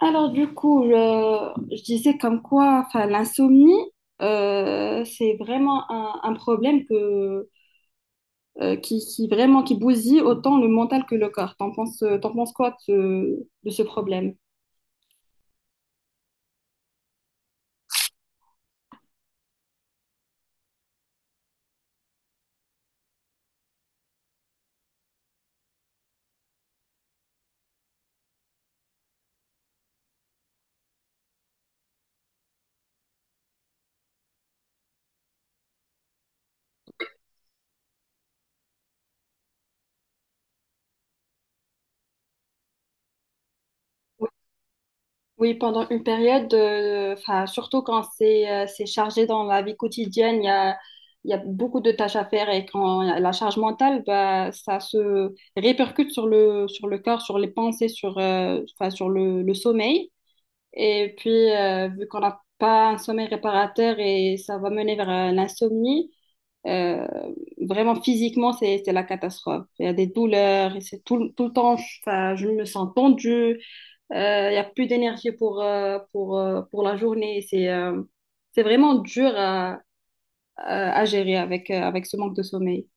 Alors du coup, je disais comme quoi, enfin, l'insomnie, c'est vraiment un problème que, qui vraiment qui bousille autant le mental que le corps. T'en penses quoi de, ce problème? Oui, oui, pendant une période, enfin, surtout quand c'est chargé dans la vie quotidienne, il y a beaucoup de tâches à faire et quand il y a la charge mentale, bah, ça se répercute sur sur le corps, sur les pensées, sur, enfin, sur le sommeil. Et puis, vu qu'on n'a pas un sommeil réparateur et ça va mener vers l'insomnie, euh, vraiment physiquement, c'est la catastrophe. Il y a des douleurs, et c'est tout, tout le temps, je me sens tendue, il y a plus d'énergie pour la journée. C'est vraiment dur à, à gérer avec, avec ce manque de sommeil.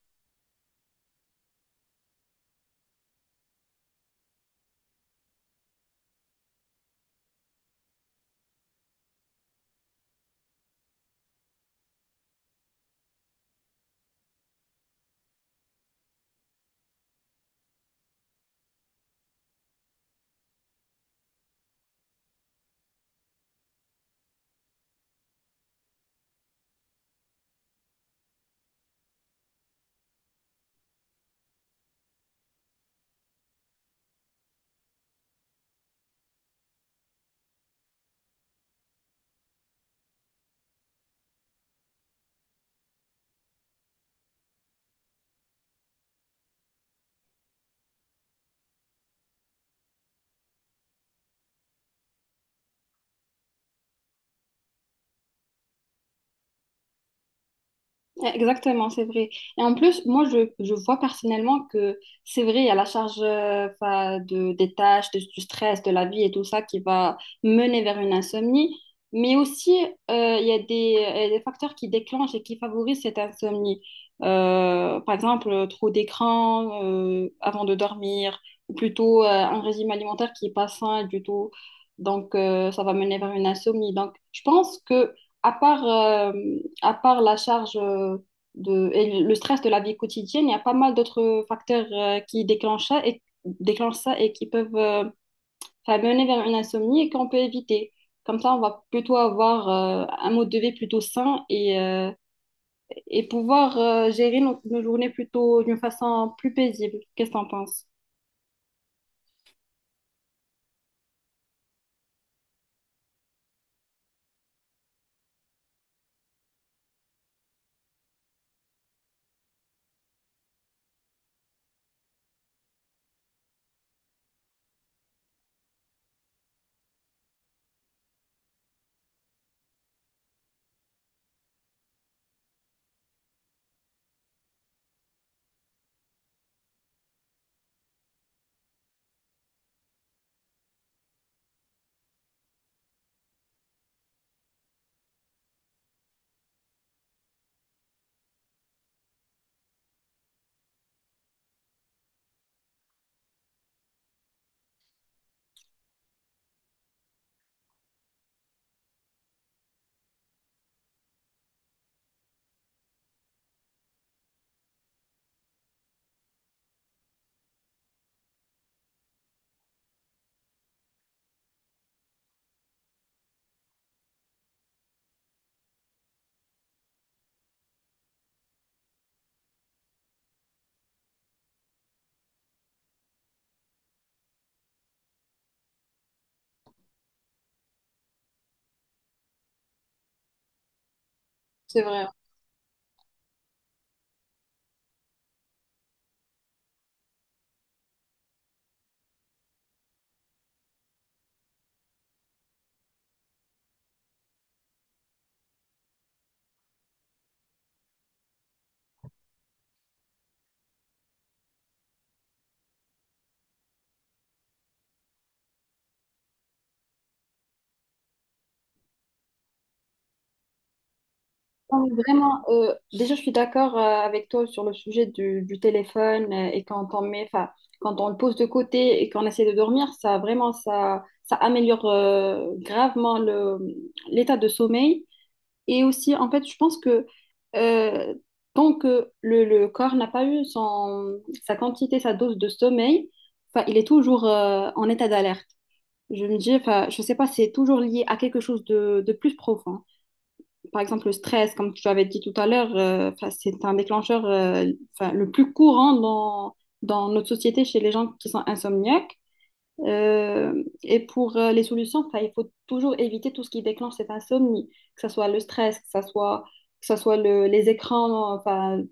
Exactement, c'est vrai. Et en plus, moi, je vois personnellement que c'est vrai, il y a la charge 'fin, des tâches, du stress, de la vie et tout ça qui va mener vers une insomnie. Mais aussi, euh, il y a des, il y a des facteurs qui déclenchent et qui favorisent cette insomnie. Par exemple, trop d'écran avant de dormir, ou plutôt un régime alimentaire qui n'est pas sain du tout. Donc, ça va mener vers une insomnie. Donc, je pense que à part euh, à part la charge et le stress de la vie quotidienne, il y a pas mal d'autres facteurs qui déclenchent ça et qui peuvent enfin, mener vers une insomnie et qu'on peut éviter. Comme ça, on va plutôt avoir un mode de vie plutôt sain et pouvoir gérer nos, nos journées plutôt d'une façon plus paisible. Qu'est-ce que t'en penses? C'est vrai. Non, mais vraiment, déjà, je suis d'accord avec toi sur le sujet du téléphone et quand on met, enfin, quand on le pose de côté et qu'on essaie de dormir, ça vraiment, ça améliore gravement le, l'état de sommeil. Et aussi, en fait, je pense que euh, tant que le corps n'a pas eu son, sa quantité, sa dose de sommeil, enfin, il est toujours en état d'alerte. Je me dis, enfin, je sais pas, c'est toujours lié à quelque chose de plus profond par exemple, le stress, comme tu avais dit tout à l'heure, 'fin, c'est un déclencheur 'fin, le plus courant dans notre société chez les gens qui sont insomniaques. Euh, et pour les solutions, enfin, il faut toujours éviter tout ce qui déclenche cette insomnie, que ce soit le stress, que ce soit les écrans enfin,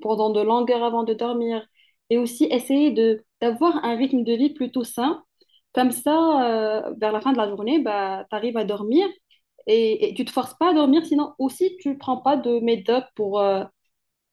pendant de longues heures avant de dormir. Et aussi essayer de, d'avoir un rythme de vie plutôt sain. Comme ça, vers la fin de la journée, bah, tu arrives à dormir et tu te forces pas à dormir, sinon aussi tu prends pas de médoc pour,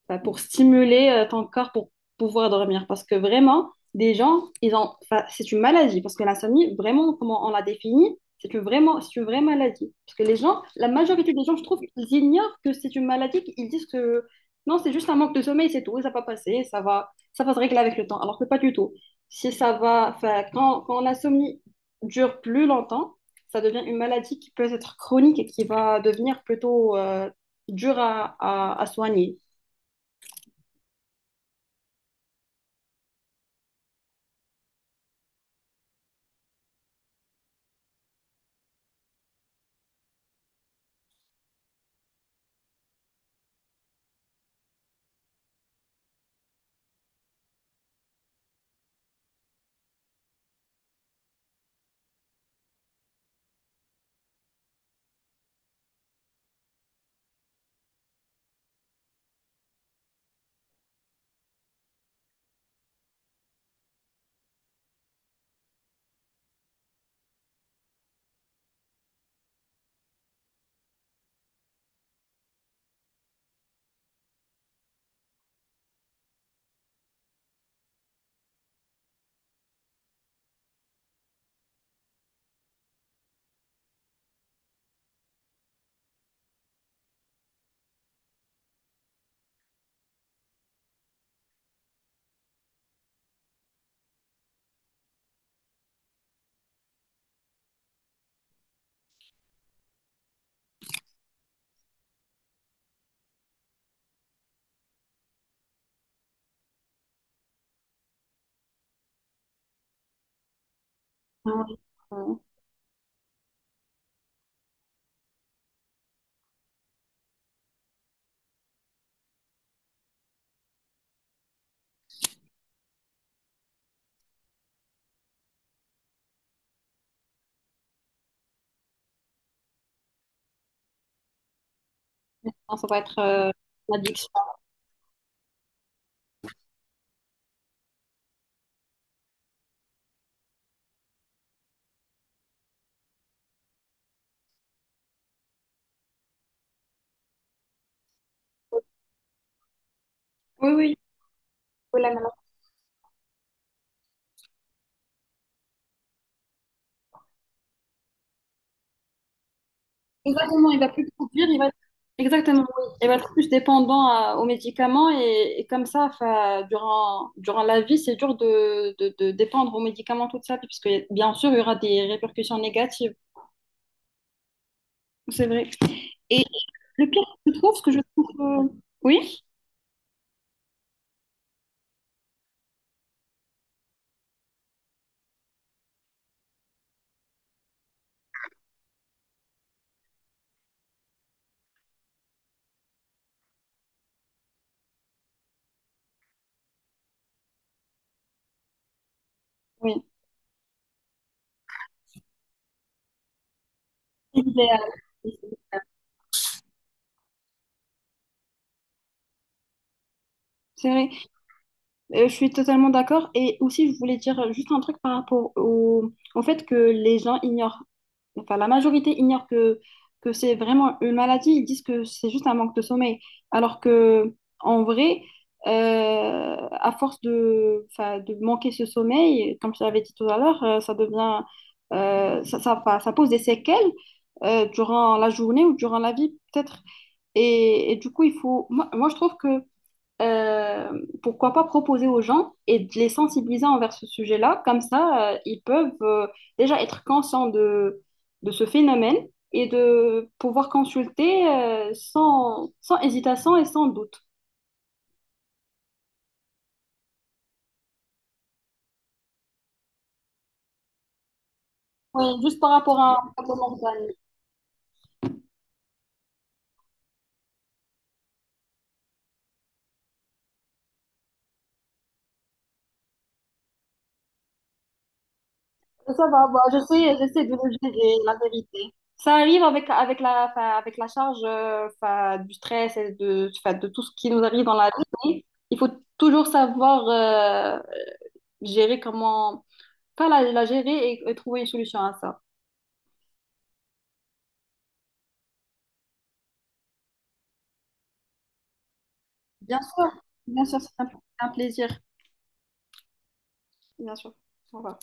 enfin, pour stimuler ton corps pour pouvoir dormir. Parce que vraiment, des gens, ils ont, enfin, c'est une maladie. Parce que l'insomnie, vraiment, comment on la définit, c'est une, vraiment, c'est une vraie maladie. Parce que les gens, la majorité des gens, je trouve, ils ignorent que c'est une maladie. Ils disent que non, c'est juste un manque de sommeil, c'est tout, ça va passer, ça va se régler avec le temps. Alors que pas du tout. Si ça va, enfin, quand, quand l'insomnie dure plus longtemps, ça devient une maladie qui peut être chronique et qui va devenir plutôt dure à soigner. Non, non, non, ça va être une addiction. Oui, oui, oui, maintenant. Exactement, il va plus conduire, il va Exactement, oui. Il va être plus dépendant à- aux médicaments et comme ça, enfin, durant, durant la vie, c'est dur de dépendre aux médicaments toute sa vie, parce que bien sûr, il y aura des répercussions négatives. C'est vrai. Et le pire, je trouve, ce que je trouve... oui, oui. Idéal. C'est vrai. Je suis totalement d'accord. Et aussi, je voulais dire juste un truc par rapport au, au fait que les gens ignorent, enfin la majorité ignore que c'est vraiment une maladie. Ils disent que c'est juste un manque de sommeil. Alors que en vrai, à force de, enfin, de manquer ce sommeil, comme je l'avais dit tout à l'heure, ça devient, enfin, ça pose des séquelles durant la journée ou durant la vie, peut-être. Et du coup, il faut, moi, moi, je trouve que pourquoi pas proposer aux gens et de les sensibiliser envers ce sujet-là. Comme ça, ils peuvent déjà être conscients de ce phénomène et de pouvoir consulter sans, sans hésitation et sans doute. Oui, juste par rapport à mon organe. Ça va, bah, je sais, j'essaie de le gérer, la vérité. Ça arrive avec, avec la, enfin, avec la charge enfin, du stress et de, enfin, de tout ce qui nous arrive dans la vie. Il faut toujours savoir euh, gérer comment pas la, la gérer et trouver une solution à ça. Bien sûr, c'est un plaisir. Bien sûr. Au revoir.